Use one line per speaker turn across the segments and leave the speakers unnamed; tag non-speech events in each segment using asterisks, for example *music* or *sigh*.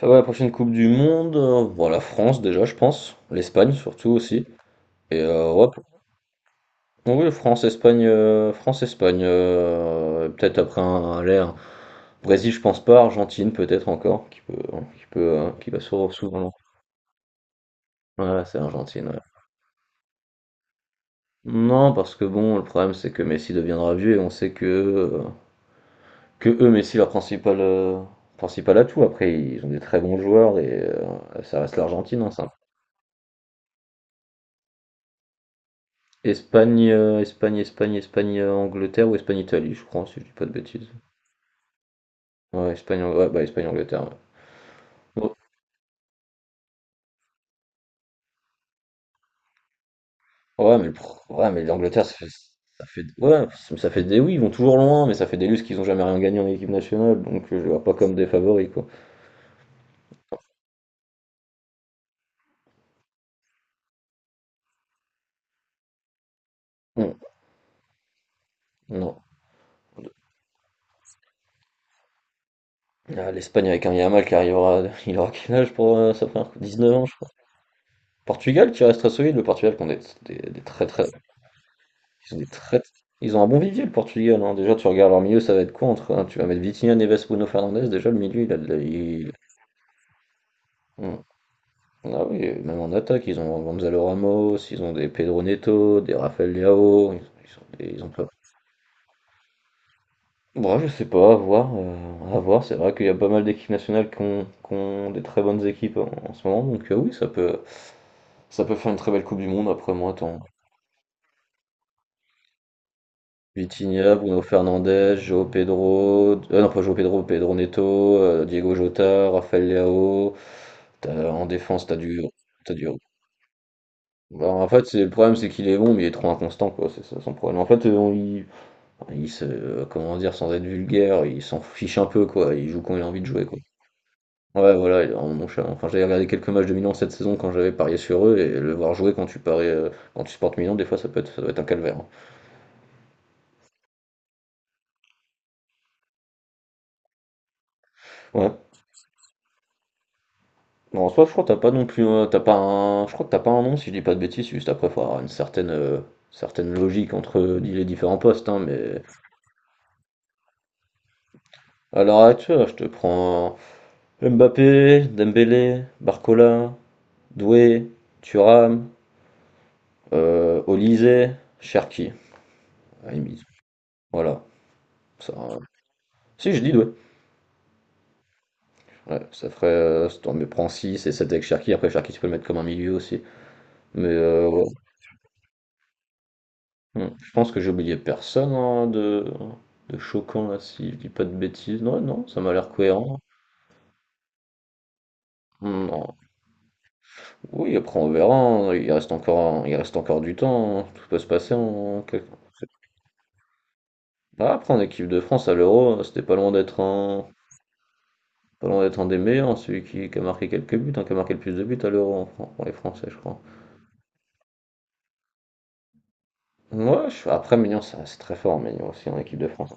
Ça va, la prochaine Coupe du Monde, bon, la France déjà, je pense. L'Espagne surtout aussi. Et ouais, oui, France, Espagne, France, Espagne. Euh, peut-être après l'air. Brésil, je pense pas. Argentine, peut-être encore, qui peut, hein, qui peut, qui va souvent. Voilà, c'est Argentine. Ouais. Non, parce que bon, le problème c'est que Messi deviendra vieux et on sait que eux, Messi, leur principal principal atout. Après, ils ont des très bons joueurs et ça reste l'Argentine, hein, c'est un Espagne, Espagne, Espagne, Espagne, Angleterre ou Espagne, Italie, je crois, si je dis pas de bêtises. Ouais, ouais, bah, Espagne, Angleterre. Ouais, oh, ouais, mais, ouais, mais l'Angleterre, ça fait, ouais, ça fait des, oui, ils vont toujours loin, mais ça fait des lustres qu'ils ont jamais rien gagné en équipe nationale, donc je les vois pas comme des favoris, quoi. Non, non. Ah, l'Espagne avec un Yamal qui arrivera, *laughs* il aura quel âge pour sa première coupe 19 ans, je crois. Portugal qui reste très solide, le Portugal qui ont des très très ils ont des très, ils ont un bon vivier, le Portugal. Hein. Déjà, tu regardes leur milieu, ça va être quoi entre, hein, tu vas mettre Vitinha, Neves, Bruno Fernandes. Déjà, le milieu, il a de la. Hmm. Ah oui, et même en attaque, ils ont Gonzalo Ramos, ils ont des Pedro Neto, des Rafael Leao. Ils ont pas. Bon, je sais pas, à voir. Euh, à voir. C'est vrai qu'il y a pas mal d'équipes nationales qui ont des très bonnes équipes en, en ce moment. Donc, oui, ça peut faire une très belle Coupe du Monde. Après, moi, tant, Vitinha, Bruno Fernandes, João Pedro, non pas João Pedro, Pedro Neto, Diego Jota, Rafael Leao. En défense, t'as du. Bah, en fait, c'est le problème, c'est qu'il est bon, mais il est trop inconstant, quoi. C'est ça son problème. En fait, enfin, il se, comment dire, sans être vulgaire, il s'en fiche un peu, quoi. Il joue quand il a envie de jouer, quoi. Ouais, voilà, il est vraiment nonchalant. Enfin, j'avais regardé quelques matchs de Milan cette saison quand j'avais parié sur eux, et le voir jouer quand tu paries, quand tu supportes Milan, des fois, ça peut être, ça doit être un calvaire. Hein. Ouais. Bon, en soi, je crois que t'as pas non plus, t'as pas un, je crois que t'as pas un nom si je dis pas de bêtises. Juste après, faut avoir une certaine, certaine logique entre les différents postes, hein, mais à l'heure actuelle, je te prends Mbappé, Dembélé, Barcola, Doué, Thuram, Olise, Cherki, à la limite. Voilà. Ça, euh, Si je dis Doué, ouais, ça ferait, si prends 6 et 7 avec Cherki. Après, Cherki, tu peux le mettre comme un milieu aussi, mais ouais. Mmh. Je pense que j'ai oublié personne, hein, de choquant là, si je dis pas de bêtises. Non, non, ça m'a l'air cohérent. Hmm, non. Oui, après on verra, hein. Il reste encore un, il reste encore du temps, hein. Tout peut se passer en quelques... Ah, après en équipe de France à l'Euro, c'était pas loin d'être un pas loin d'être un des meilleurs, hein, celui qui a marqué quelques buts, hein, qui a marqué le plus de buts à l'Euro en pour les Français, je crois. Ouais, après Maignan, c'est très fort, Maignan aussi en équipe de France.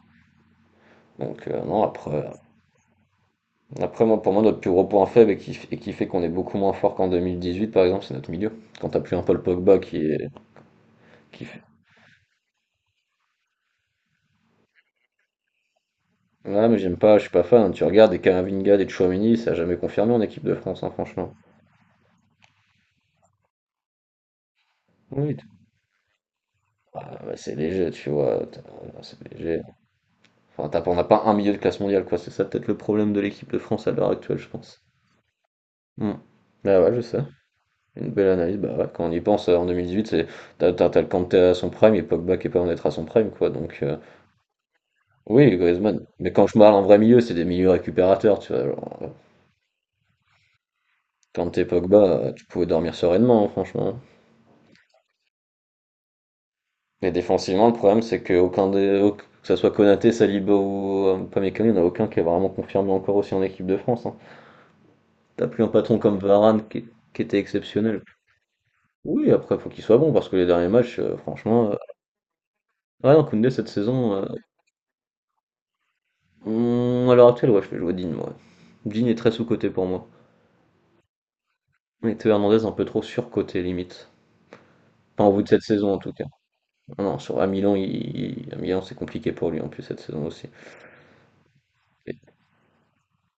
Donc non, après après, moi, pour moi, notre plus gros point faible et qui fait qu'on est beaucoup moins fort qu'en 2018, par exemple, c'est notre milieu. Quand t'as plus un Paul Pogba qui est. Qui fait... Ouais, mais j'aime pas, je suis pas fan. Tu regardes des Camavinga, des Tchouaméni, ça a jamais confirmé en équipe de France, hein, franchement. Oui. Ah, bah, c'est léger, tu vois. C'est léger. Enfin, t'as- pas on n'a pas un milieu de classe mondiale, quoi. C'est ça peut-être le problème de l'équipe de France à l'heure actuelle, je pense. Hmm. Bah ouais, je sais. Une belle analyse. Bah ouais, quand on y pense, en 2018, c'est t'as le Kanté à son prime et Pogba qui est pas en être à son prime, quoi. Donc, oui, Griezmann. Mais quand je parle en vrai milieu, c'est des milieux récupérateurs, tu vois. Genre, quand t'es Pogba, tu pouvais dormir sereinement, hein, franchement. Mais défensivement, le problème, c'est que aucun des, au- que ça soit Konaté, Saliba ou Upamecano, il n'y en a aucun qui est vraiment confirmé encore aussi en équipe de France. Hein. T'as plus un patron comme Varane qui était exceptionnel. Oui, après, faut qu'il soit bon parce que les derniers matchs, franchement. Euh, ouais, non, Koundé, cette saison, à l'heure actuelle, ouais, je fais jouer Digne, moi. Digne est très sous-coté pour moi. Et Théo Hernandez, un peu trop surcoté, limite. Pas en vue de cette saison, en tout cas. Non, non, sur à Milan, il à Milan, c'est compliqué pour lui en plus cette saison aussi. Et-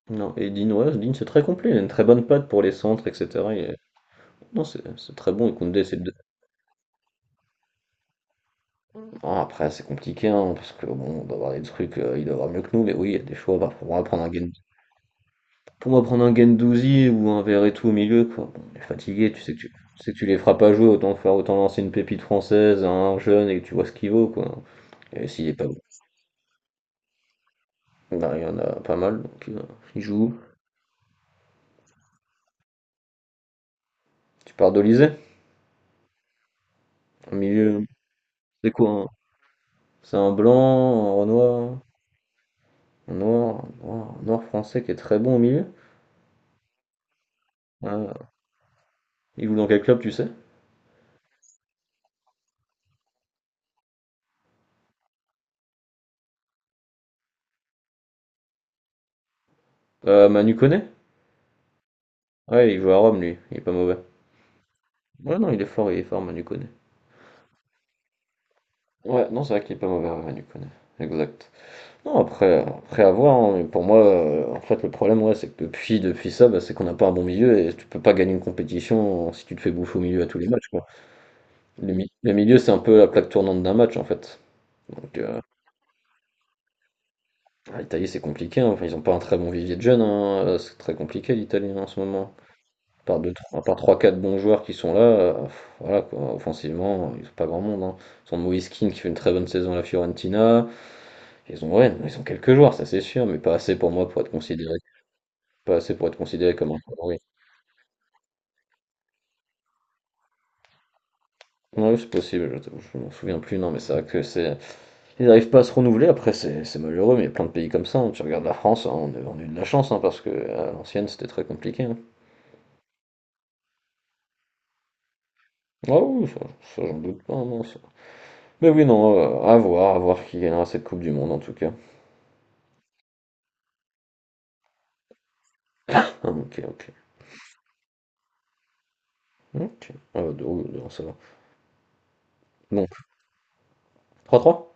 non, et Dean, ouais, Dean, c'est très complet, il a une très bonne patte pour les centres, etc. Il est- non, c'est très bon, et Koundé, c'est deux. Bon, après, c'est compliqué, hein, parce que bon, on doit avoir des trucs, il doit avoir mieux que nous, mais oui, il y a des choix. Bah, pour moi, prendre un Gen... pour moi, prendre un Gendouzi ou un Verretou au milieu, quoi. Bon, on est fatigué, tu sais que tu... tu sais que tu les feras pas jouer, autant faire, autant lancer une pépite française à un jeune et que tu vois ce qu'il vaut, quoi. Et s'il est pas bon, bah, il y en a pas mal, donc il joue. Tu pars d'Olysée? Au milieu, c'est quoi? C'est un blanc, un noir, un noir français qui est très bon au milieu? Ah, il joue dans quel club, tu sais? Manu Koné? Ouais, il joue à Rome, lui. Il est pas mauvais. Ouais, non, il est fort, Manu Koné. Ouais, non, c'est vrai qu'il est pas mauvais, ouais, Manu Koné. Exact. Non, après, après à voir, hein, mais pour moi, en fait, le problème, ouais, c'est que depuis ça, bah, c'est qu'on n'a pas un bon milieu et tu peux pas gagner une compétition si tu te fais bouffer au milieu à tous les matchs, quoi. Le milieu, c'est un peu la plaque tournante d'un match, en fait. Donc, ah, l'Italie, c'est compliqué, hein. Enfin, ils n'ont pas un très bon vivier de jeunes, hein. C'est très compliqué l'Italie hein, en ce moment. Par deux, trois, par trois, quatre bons joueurs qui sont là, pff, voilà quoi. Offensivement, ils n'ont pas grand monde. Hein. Ils ont Moïskine qui fait une très bonne saison à la Fiorentina. Ils ont, ouais, ils ont quelques joueurs, ça c'est sûr, mais pas assez pour moi pour être considéré, pas assez pour être considéré comme un favori. Non, oui, c'est possible, je m'en souviens plus, non, mais c'est vrai que c'est. Ils n'arrivent pas à se renouveler, après c'est malheureux, mais il y a plein de pays comme ça. Hein. Tu regardes la France, hein, on a eu de la chance, hein, parce que à l'ancienne c'était très compliqué. Hein. Ah oui, ça, j'en doute pas, non, ça. Mais oui, non, à voir qui gagnera cette Coupe du Monde en tout cas. Ah, ok, ok. Ok, ah, deux, deux, ça va. Bon, trois trois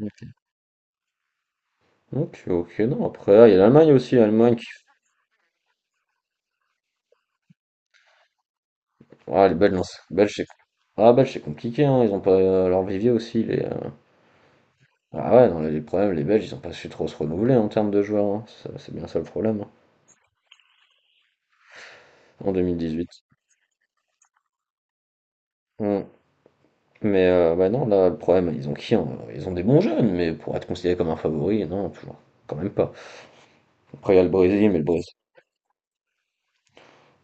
ok. Ok, ok, non, après, ah, il y a l'Allemagne aussi, l'Allemagne qui... Ah, les Belges, non, Belges, c'est... Ah, Belges, c'est compliqué, hein, ils ont pas leur vivier aussi, les... ah ouais, non, les, problèmes, les Belges, ils ont pas su trop se renouveler en termes de joueurs, hein, c'est bien ça le problème, hein, en 2018. Hmm. Mais bah non, là, le problème, ils ont qui hein. Ils ont des bons jeunes, mais pour être considéré comme un favori, non, toujours, quand même pas. Après, il y a le Brésil, mais le Brésil.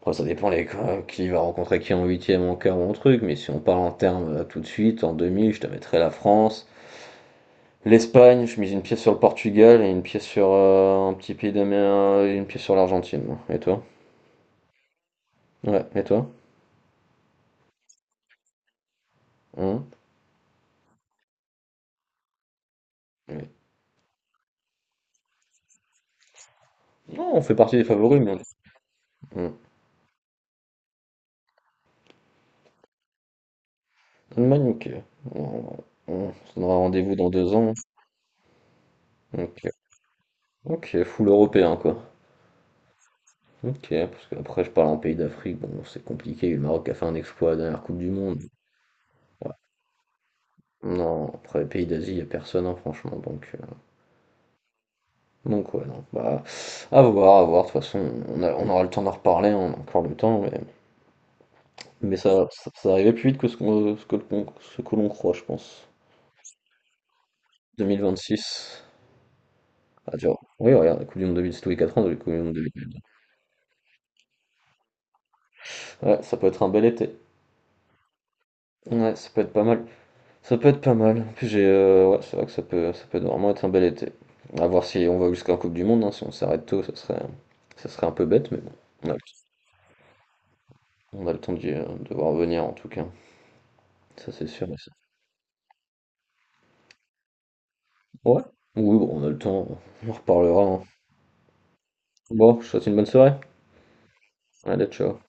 Après, ça dépend les, qui va rencontrer qui en huitième, en quart ou en truc, mais si on parle en termes tout de suite, en demi, je te mettrais la France. L'Espagne, je mise une pièce sur le Portugal et une pièce sur un petit pays d'Amérique, et une pièce sur l'Argentine. Hein. Et toi? Ouais, et toi? Hein. Oui. Non, on fait partie des favoris, mais on... Hum. Allemagne, ok. On, on se donnera rendez-vous dans 2 ans. Ok. Ok, full européen quoi. Ok, parce qu'après je parle en pays d'Afrique, bon c'est compliqué, le Maroc a fait un exploit à la dernière Coupe du Monde. Non, après les pays d'Asie, il a personne hein, franchement, donc ouais, non, bah à voir, de toute façon on aura le temps d'en reparler, hein, on a encore le temps, mais ça arrivait plus vite que ce que l'on croit, je pense. 2026, ah tu vois, oui regarde, la Coupe du Monde 2000, c'est tous les 4 ans, la Coupe du Monde 2000. Ouais, ça peut être un bel été. Ouais, ça peut être pas mal. Ça peut être pas mal. En plus, j'ai, ouais, c'est vrai que ça peut vraiment être un bel été. À voir si on va jusqu'à la coupe du monde, hein. Si on s'arrête tôt, ça serait un peu bête, mais bon, on a le on a le temps d'y, de voir venir en tout cas. Ça, c'est sûr et certain. Ouais, oui, bon, on a le temps, on en reparlera, hein. Bon, je te souhaite une bonne soirée. Allez, ciao.